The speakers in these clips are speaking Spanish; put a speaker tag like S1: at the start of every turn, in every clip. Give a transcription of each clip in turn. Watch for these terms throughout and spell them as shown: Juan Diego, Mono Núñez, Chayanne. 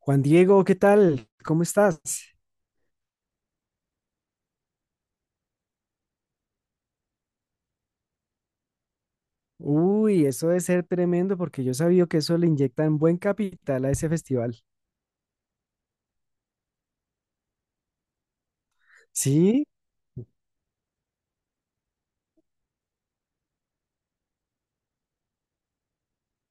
S1: Juan Diego, ¿qué tal? ¿Cómo estás? Uy, eso debe ser tremendo porque yo sabía que eso le inyectan buen capital a ese festival. Sí,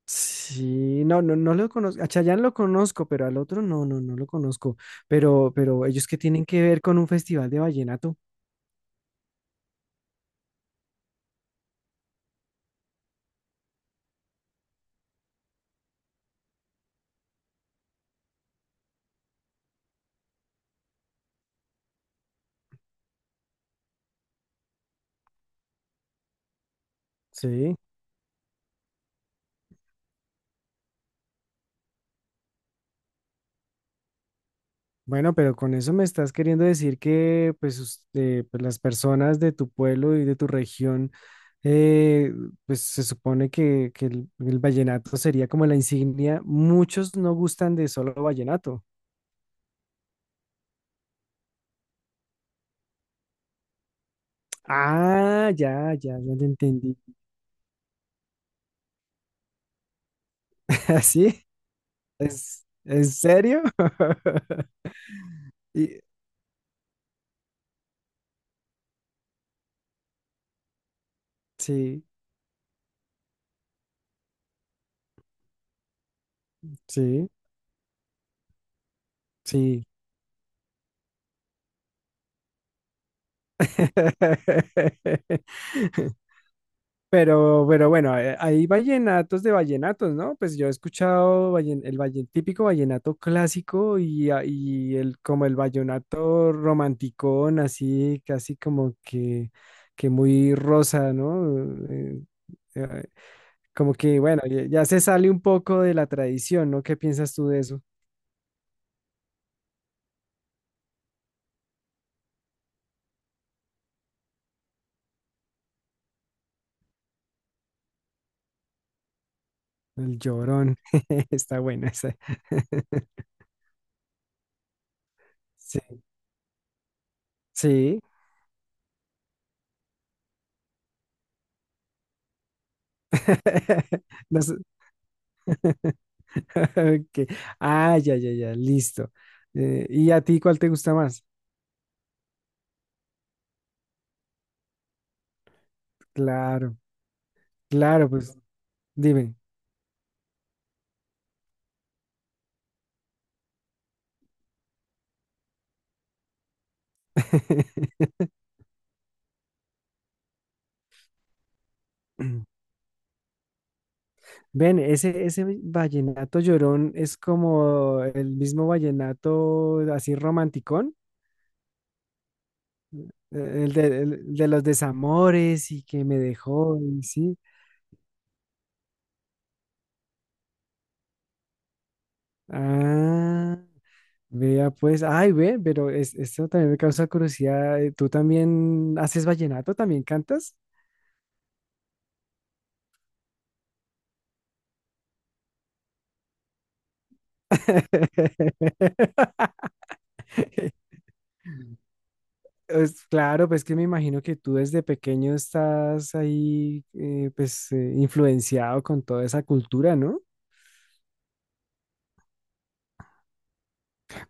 S1: sí, no, no, no lo conozco. A Chayanne lo conozco, pero al otro no, no, no lo conozco. Pero ellos que tienen que ver con un festival de vallenato. Sí. Bueno, pero con eso me estás queriendo decir que pues, pues, las personas de tu pueblo y de tu región, eh, pues se supone que el vallenato sería como la insignia. Muchos no gustan de solo vallenato. Ah, ya, ya, ya te entendí. ¿Así? ¿Es, en serio? Y- sí, sí, sí. Pero bueno, hay vallenatos de vallenatos, ¿no? Pues yo he escuchado típico vallenato clásico y, y el, como el vallenato romanticón, así, casi como que muy rosa, ¿no? Eh, eh, como que, bueno, ya, ya se sale un poco de la tradición, ¿no? ¿Qué piensas tú de eso? El llorón, está buena esa. Sí, sí. No sé. Ok. Ah, ya, ya, ya, listo. ¿Y a ti cuál te gusta más? Claro, claro, pues dime. Ven, ese vallenato llorón es como el mismo vallenato así romanticón, el de los desamores y que me dejó, y sí. Ah, vea pues, ay, ve, pero esto también me causa curiosidad. ¿Tú también haces vallenato? ¿También cantas? Pues, claro, pues que me imagino que tú desde pequeño estás ahí, pues, influenciado con toda esa cultura, ¿no?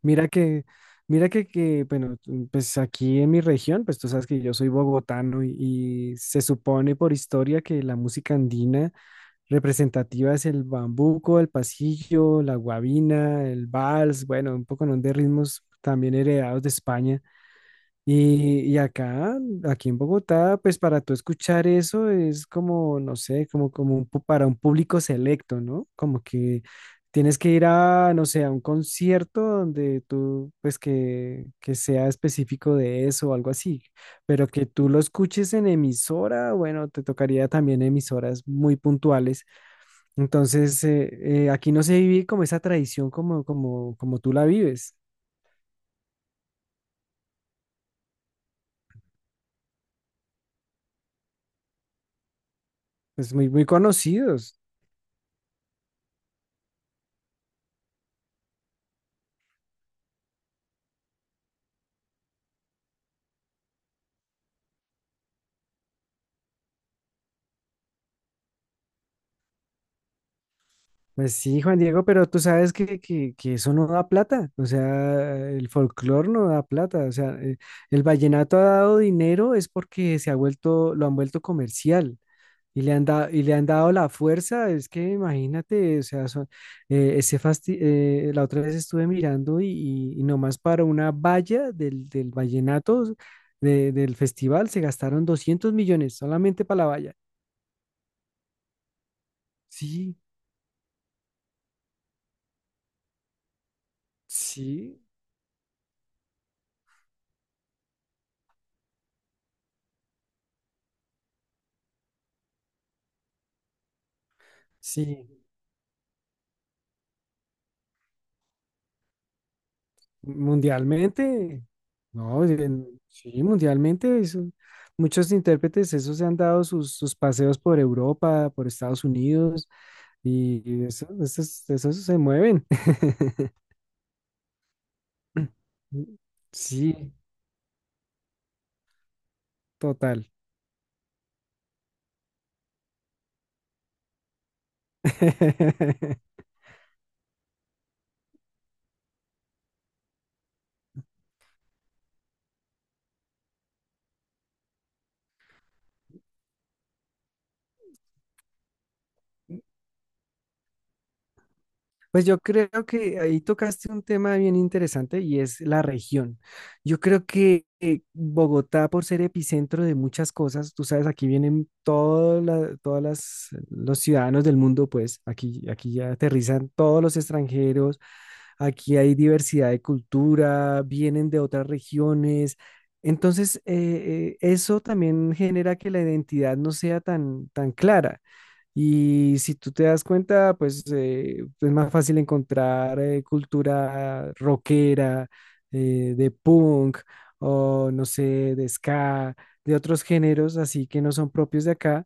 S1: Mira que, mira que, bueno, tú, pues aquí en mi región, pues tú sabes que yo soy bogotano y se supone por historia que la música andina representativa es el bambuco, el pasillo, la guabina, el vals, bueno, un poco ¿no? de ritmos también heredados de España. Y acá, aquí en Bogotá, pues para tú escuchar eso es como, no sé, como, como para un público selecto, ¿no? Como que tienes que ir a, no sé, a un concierto donde tú, pues que sea específico de eso o algo así, pero que tú lo escuches en emisora, bueno, te tocaría también emisoras muy puntuales. Entonces, aquí no se vive como esa tradición como, como, como tú la vives. Es muy, muy conocidos. Pues sí, Juan Diego, pero tú sabes que eso no da plata, o sea, el folclore no da plata, o sea, el vallenato ha dado dinero es porque se ha vuelto, lo han vuelto comercial y le han dado, y le han dado la fuerza, es que imagínate, o sea, la otra vez estuve mirando y nomás para una valla del vallenato del festival se gastaron 200 millones solamente para la valla. Sí, sí, sí. Mundialmente, no, sí, mundialmente, eso- muchos intérpretes, esos se han dado sus, sus paseos por Europa, por Estados Unidos, y eso, esos, esos se mueven. Sí, total. Pues yo creo que ahí tocaste un tema bien interesante y es la región. Yo creo que Bogotá, por ser epicentro de muchas cosas, tú sabes, aquí vienen todas las, los ciudadanos del mundo, pues aquí, aquí ya aterrizan todos los extranjeros, aquí hay diversidad de cultura, vienen de otras regiones. Entonces, eso también genera que la identidad no sea tan, tan clara. Y si tú te das cuenta, pues es más fácil encontrar cultura rockera, de punk, o no sé, de ska, de otros géneros así que no son propios de acá,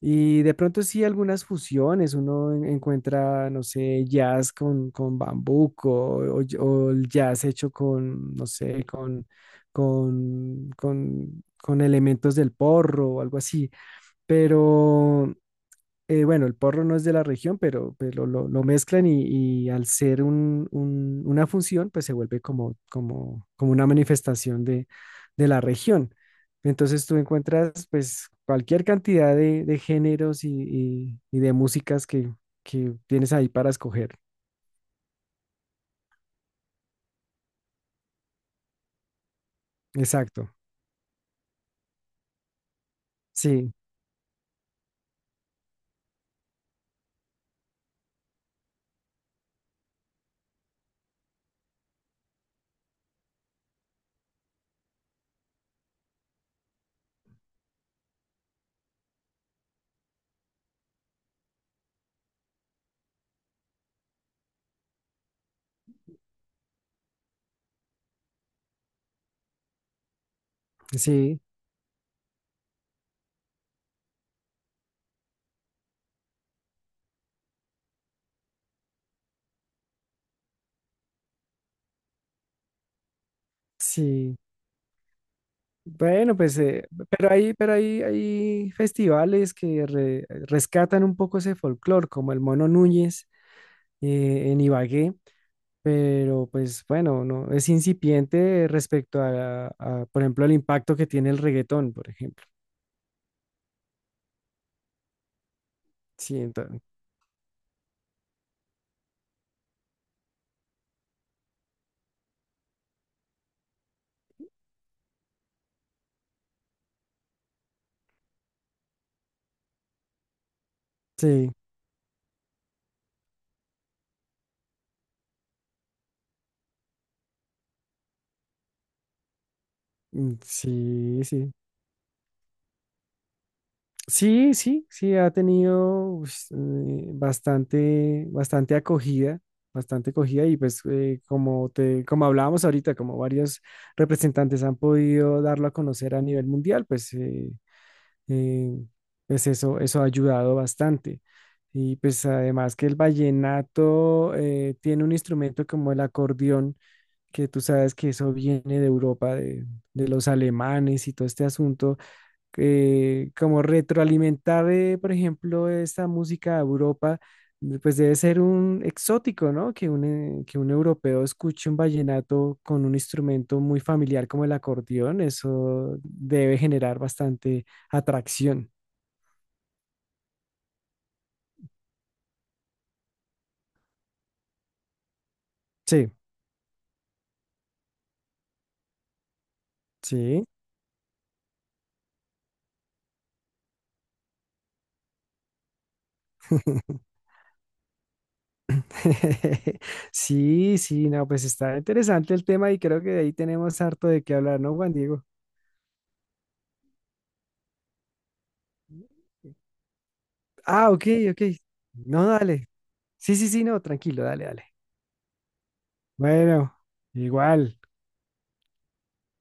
S1: y de pronto sí algunas fusiones, uno encuentra, no sé, jazz con bambuco o el jazz hecho con, no sé, con elementos del porro o algo así. Pero bueno, el porro no es de la región, pero lo mezclan y al ser una función, pues se vuelve como, como, como una manifestación de la región. Entonces tú encuentras pues cualquier cantidad de géneros y de músicas que tienes ahí para escoger. Exacto. Sí, sí, sí. Bueno, pues, pero hay, hay festivales que rescatan un poco ese folclore, como el Mono Núñez en Ibagué, pero pues bueno, no, es incipiente respecto a, por ejemplo, el impacto que tiene el reggaetón, por ejemplo. Sí, entonces, sí, mm, sí, sí. Sí, sí, sí, ha tenido pues, bastante, bastante acogida y pues como te, como hablábamos ahorita, como varios representantes han podido darlo a conocer a nivel mundial, pues eh, pues eso ha ayudado bastante. Y pues además que el vallenato tiene un instrumento como el acordeón, que tú sabes que eso viene de Europa, de los alemanes y todo este asunto, como retroalimentar, por ejemplo, esta música a Europa, pues debe ser un exótico, ¿no? Que un europeo escuche un vallenato con un instrumento muy familiar como el acordeón, eso debe generar bastante atracción. Sí, sí. Sí, sí, no, pues está interesante el tema y creo que de ahí tenemos harto de qué hablar, ¿no, Juan Diego? Ah, ok, ok. No, dale. Sí, sí, sí, no, tranquilo, dale, dale. Bueno, igual.